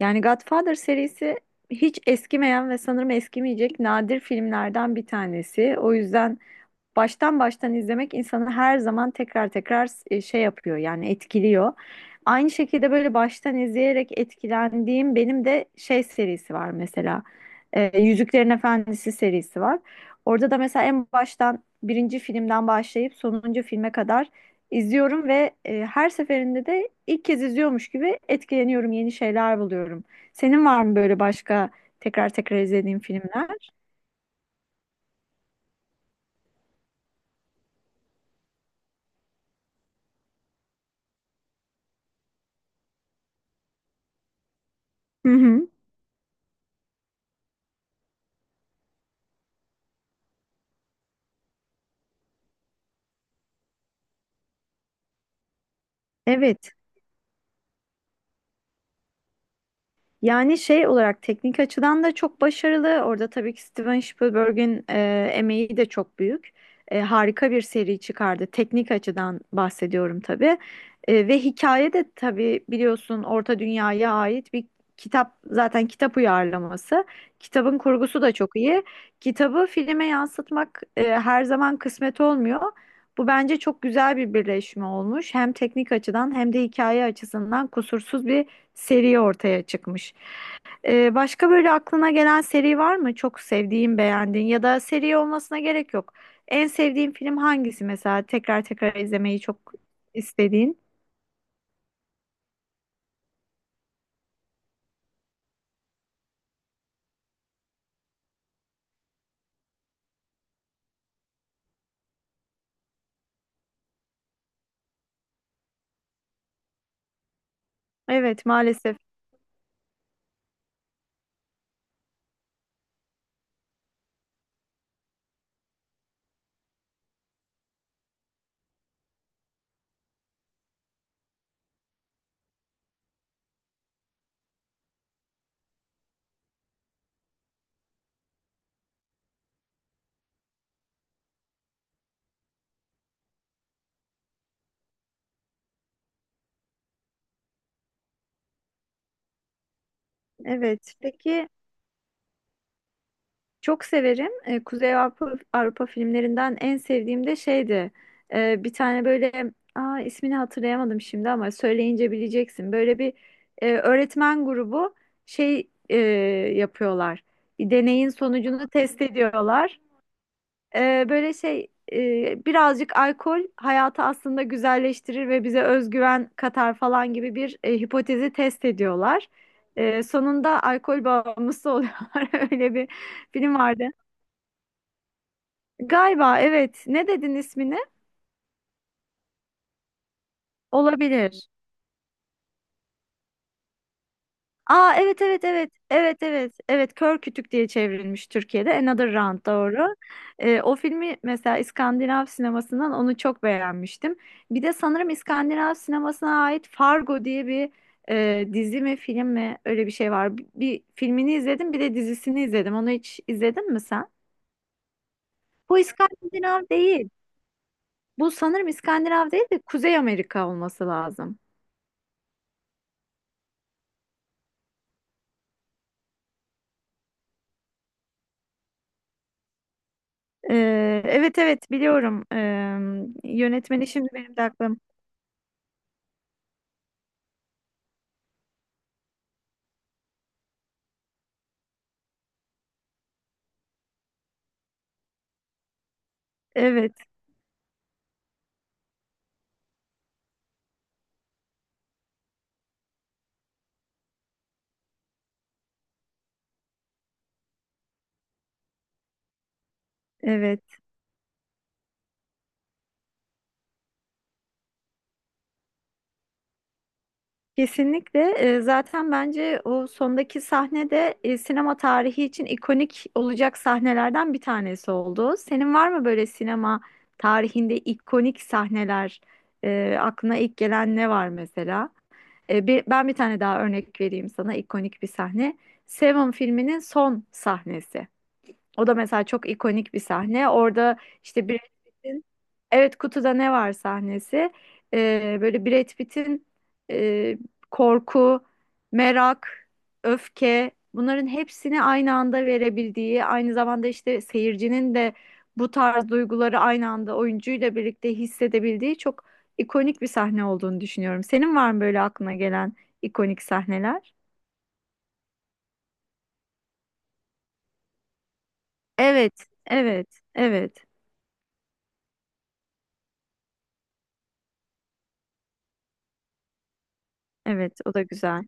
Yani Godfather serisi hiç eskimeyen ve sanırım eskimeyecek nadir filmlerden bir tanesi. O yüzden baştan izlemek insanı her zaman tekrar tekrar şey yapıyor, yani etkiliyor. Aynı şekilde böyle baştan izleyerek etkilendiğim benim de şey serisi var mesela. Yüzüklerin Efendisi serisi var. Orada da mesela en baştan birinci filmden başlayıp sonuncu filme kadar izliyorum ve her seferinde de ilk kez izliyormuş gibi etkileniyorum, yeni şeyler buluyorum. Senin var mı böyle başka tekrar tekrar izlediğin filmler? Hı hı. Evet. Yani şey olarak teknik açıdan da çok başarılı. Orada tabii ki Steven Spielberg'in emeği de çok büyük. Harika bir seri çıkardı. Teknik açıdan bahsediyorum tabii. Ve hikaye de tabii biliyorsun, Orta Dünya'ya ait bir kitap, zaten kitap uyarlaması. Kitabın kurgusu da çok iyi. Kitabı filme yansıtmak her zaman kısmet olmuyor. Bu bence çok güzel bir birleşme olmuş. Hem teknik açıdan hem de hikaye açısından kusursuz bir seri ortaya çıkmış. Başka böyle aklına gelen seri var mı? Çok sevdiğin, beğendiğin, ya da seri olmasına gerek yok. En sevdiğin film hangisi mesela? Tekrar tekrar izlemeyi çok istediğin. Evet, maalesef. Evet. Peki, çok severim. Kuzey Avrupa, Avrupa filmlerinden en sevdiğim de şeydi. Bir tane böyle, ismini hatırlayamadım şimdi ama söyleyince bileceksin. Böyle bir öğretmen grubu şey yapıyorlar. Bir deneyin sonucunu test ediyorlar. Böyle şey birazcık alkol hayatı aslında güzelleştirir ve bize özgüven katar falan gibi bir hipotezi test ediyorlar. Sonunda alkol bağımlısı oluyorlar. Öyle bir film vardı. Galiba evet. Ne dedin ismini? Olabilir. Aa, evet, evet, evet. Evet, evet. Evet, Kör Kütük diye çevrilmiş Türkiye'de. Another Round doğru. O filmi mesela İskandinav sinemasından onu çok beğenmiştim. Bir de sanırım İskandinav sinemasına ait Fargo diye bir dizi mi film mi öyle bir şey var. Bir filmini izledim, bir de dizisini izledim. Onu hiç izledin mi sen? Bu İskandinav değil. Bu sanırım İskandinav değil de Kuzey Amerika olması lazım. Evet, evet, biliyorum. Yönetmeni şimdi benim de aklım. Evet, evet, kesinlikle. Zaten bence o sondaki sahne de sinema tarihi için ikonik olacak sahnelerden bir tanesi oldu. Senin var mı böyle sinema tarihinde ikonik sahneler? Aklına ilk gelen ne var mesela? Ben bir tane daha örnek vereyim sana, ikonik bir sahne. Seven filminin son sahnesi. O da mesela çok ikonik bir sahne. Orada işte Brad Pitt'in, evet, kutuda ne var sahnesi. Böyle Brad Pitt'in e, korku, merak, öfke, bunların hepsini aynı anda verebildiği, aynı zamanda işte seyircinin de bu tarz duyguları aynı anda oyuncuyla birlikte hissedebildiği çok ikonik bir sahne olduğunu düşünüyorum. Senin var mı böyle aklına gelen ikonik sahneler? Evet, evet, evet, evet. O da güzel.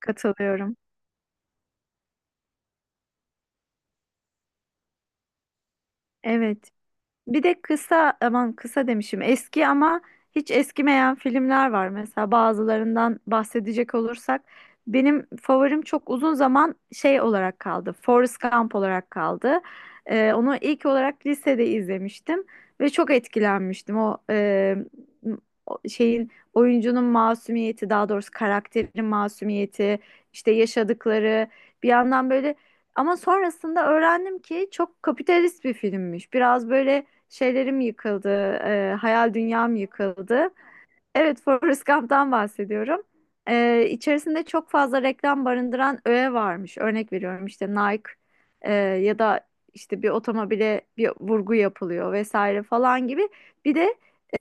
Katılıyorum. Evet. Bir de kısa, aman kısa demişim, eski ama hiç eskimeyen filmler var. Mesela bazılarından bahsedecek olursak benim favorim çok uzun zaman şey olarak kaldı. Forrest Gump olarak kaldı. Onu ilk olarak lisede izlemiştim ve çok etkilenmiştim. O şeyin oyuncunun masumiyeti, daha doğrusu karakterin masumiyeti, işte yaşadıkları, bir yandan böyle, ama sonrasında öğrendim ki çok kapitalist bir filmmiş. Biraz böyle şeylerim yıkıldı, hayal dünyam yıkıldı. Evet, Forrest Gump'tan bahsediyorum. İçerisinde çok fazla reklam barındıran öğe varmış. Örnek veriyorum, işte Nike ya da işte bir otomobile bir vurgu yapılıyor vesaire falan gibi. Bir de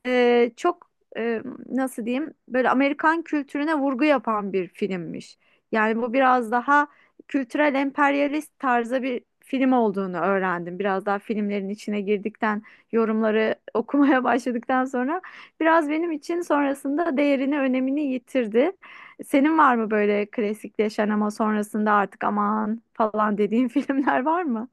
çok e, nasıl diyeyim, böyle Amerikan kültürüne vurgu yapan bir filmmiş. Yani bu biraz daha kültürel emperyalist tarzda bir film olduğunu öğrendim. Biraz daha filmlerin içine girdikten, yorumları okumaya başladıktan sonra biraz benim için sonrasında değerini, önemini yitirdi. Senin var mı böyle klasikleşen ama sonrasında artık aman falan dediğin filmler var mı?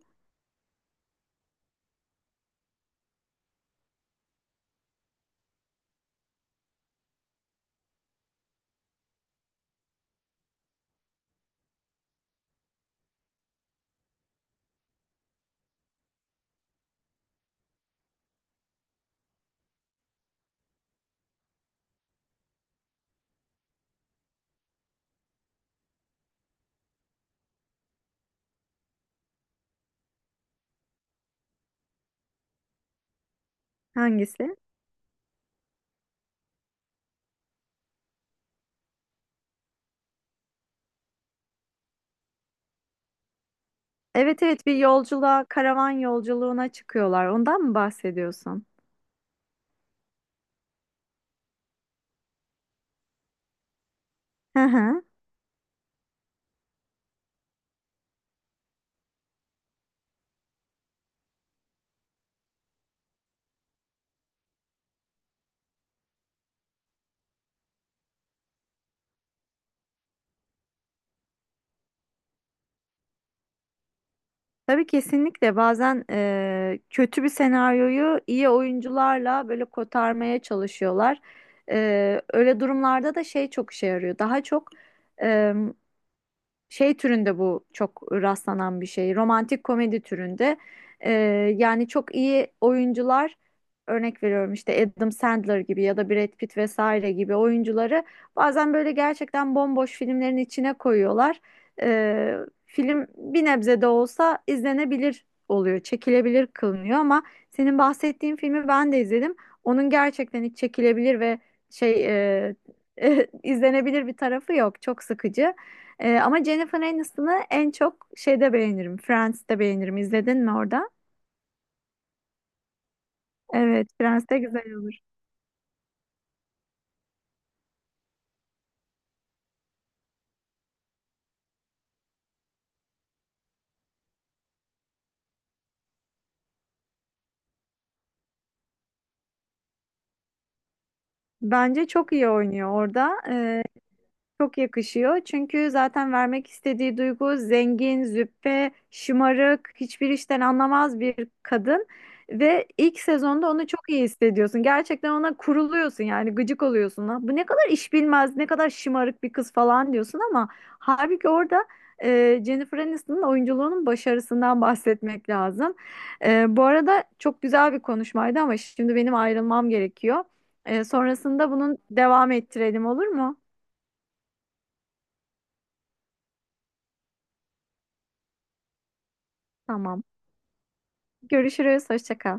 Hangisi? Evet, evet, bir yolculuğa, karavan yolculuğuna çıkıyorlar. Ondan mı bahsediyorsun? Hı hı. Tabii, kesinlikle bazen kötü bir senaryoyu iyi oyuncularla böyle kotarmaya çalışıyorlar. Öyle durumlarda da şey çok işe yarıyor. Daha çok şey türünde bu çok rastlanan bir şey. Romantik komedi türünde. Ee, Yani çok iyi oyuncular, örnek veriyorum, işte Adam Sandler gibi ya da Brad Pitt vesaire gibi oyuncuları bazen böyle gerçekten bomboş filmlerin içine koyuyorlar. Ee, Film bir nebze de olsa izlenebilir oluyor, çekilebilir kılınıyor, ama senin bahsettiğin filmi ben de izledim. Onun gerçekten hiç çekilebilir ve şey e, izlenebilir bir tarafı yok. Çok sıkıcı. Ama Jennifer Aniston'ı en çok şeyde beğenirim. Friends'te beğenirim. İzledin mi orada? Evet, Friends de güzel olur. Bence çok iyi oynuyor orada. Çok yakışıyor. Çünkü zaten vermek istediği duygu zengin, züppe, şımarık, hiçbir işten anlamaz bir kadın ve ilk sezonda onu çok iyi hissediyorsun. Gerçekten ona kuruluyorsun, yani gıcık oluyorsun. Lan, bu ne kadar iş bilmez, ne kadar şımarık bir kız falan diyorsun, ama halbuki orada Jennifer Aniston'un oyunculuğunun başarısından bahsetmek lazım. Bu arada çok güzel bir konuşmaydı ama şimdi benim ayrılmam gerekiyor. Sonrasında bunun devam ettirelim, olur mu? Tamam. Görüşürüz. Hoşça kal.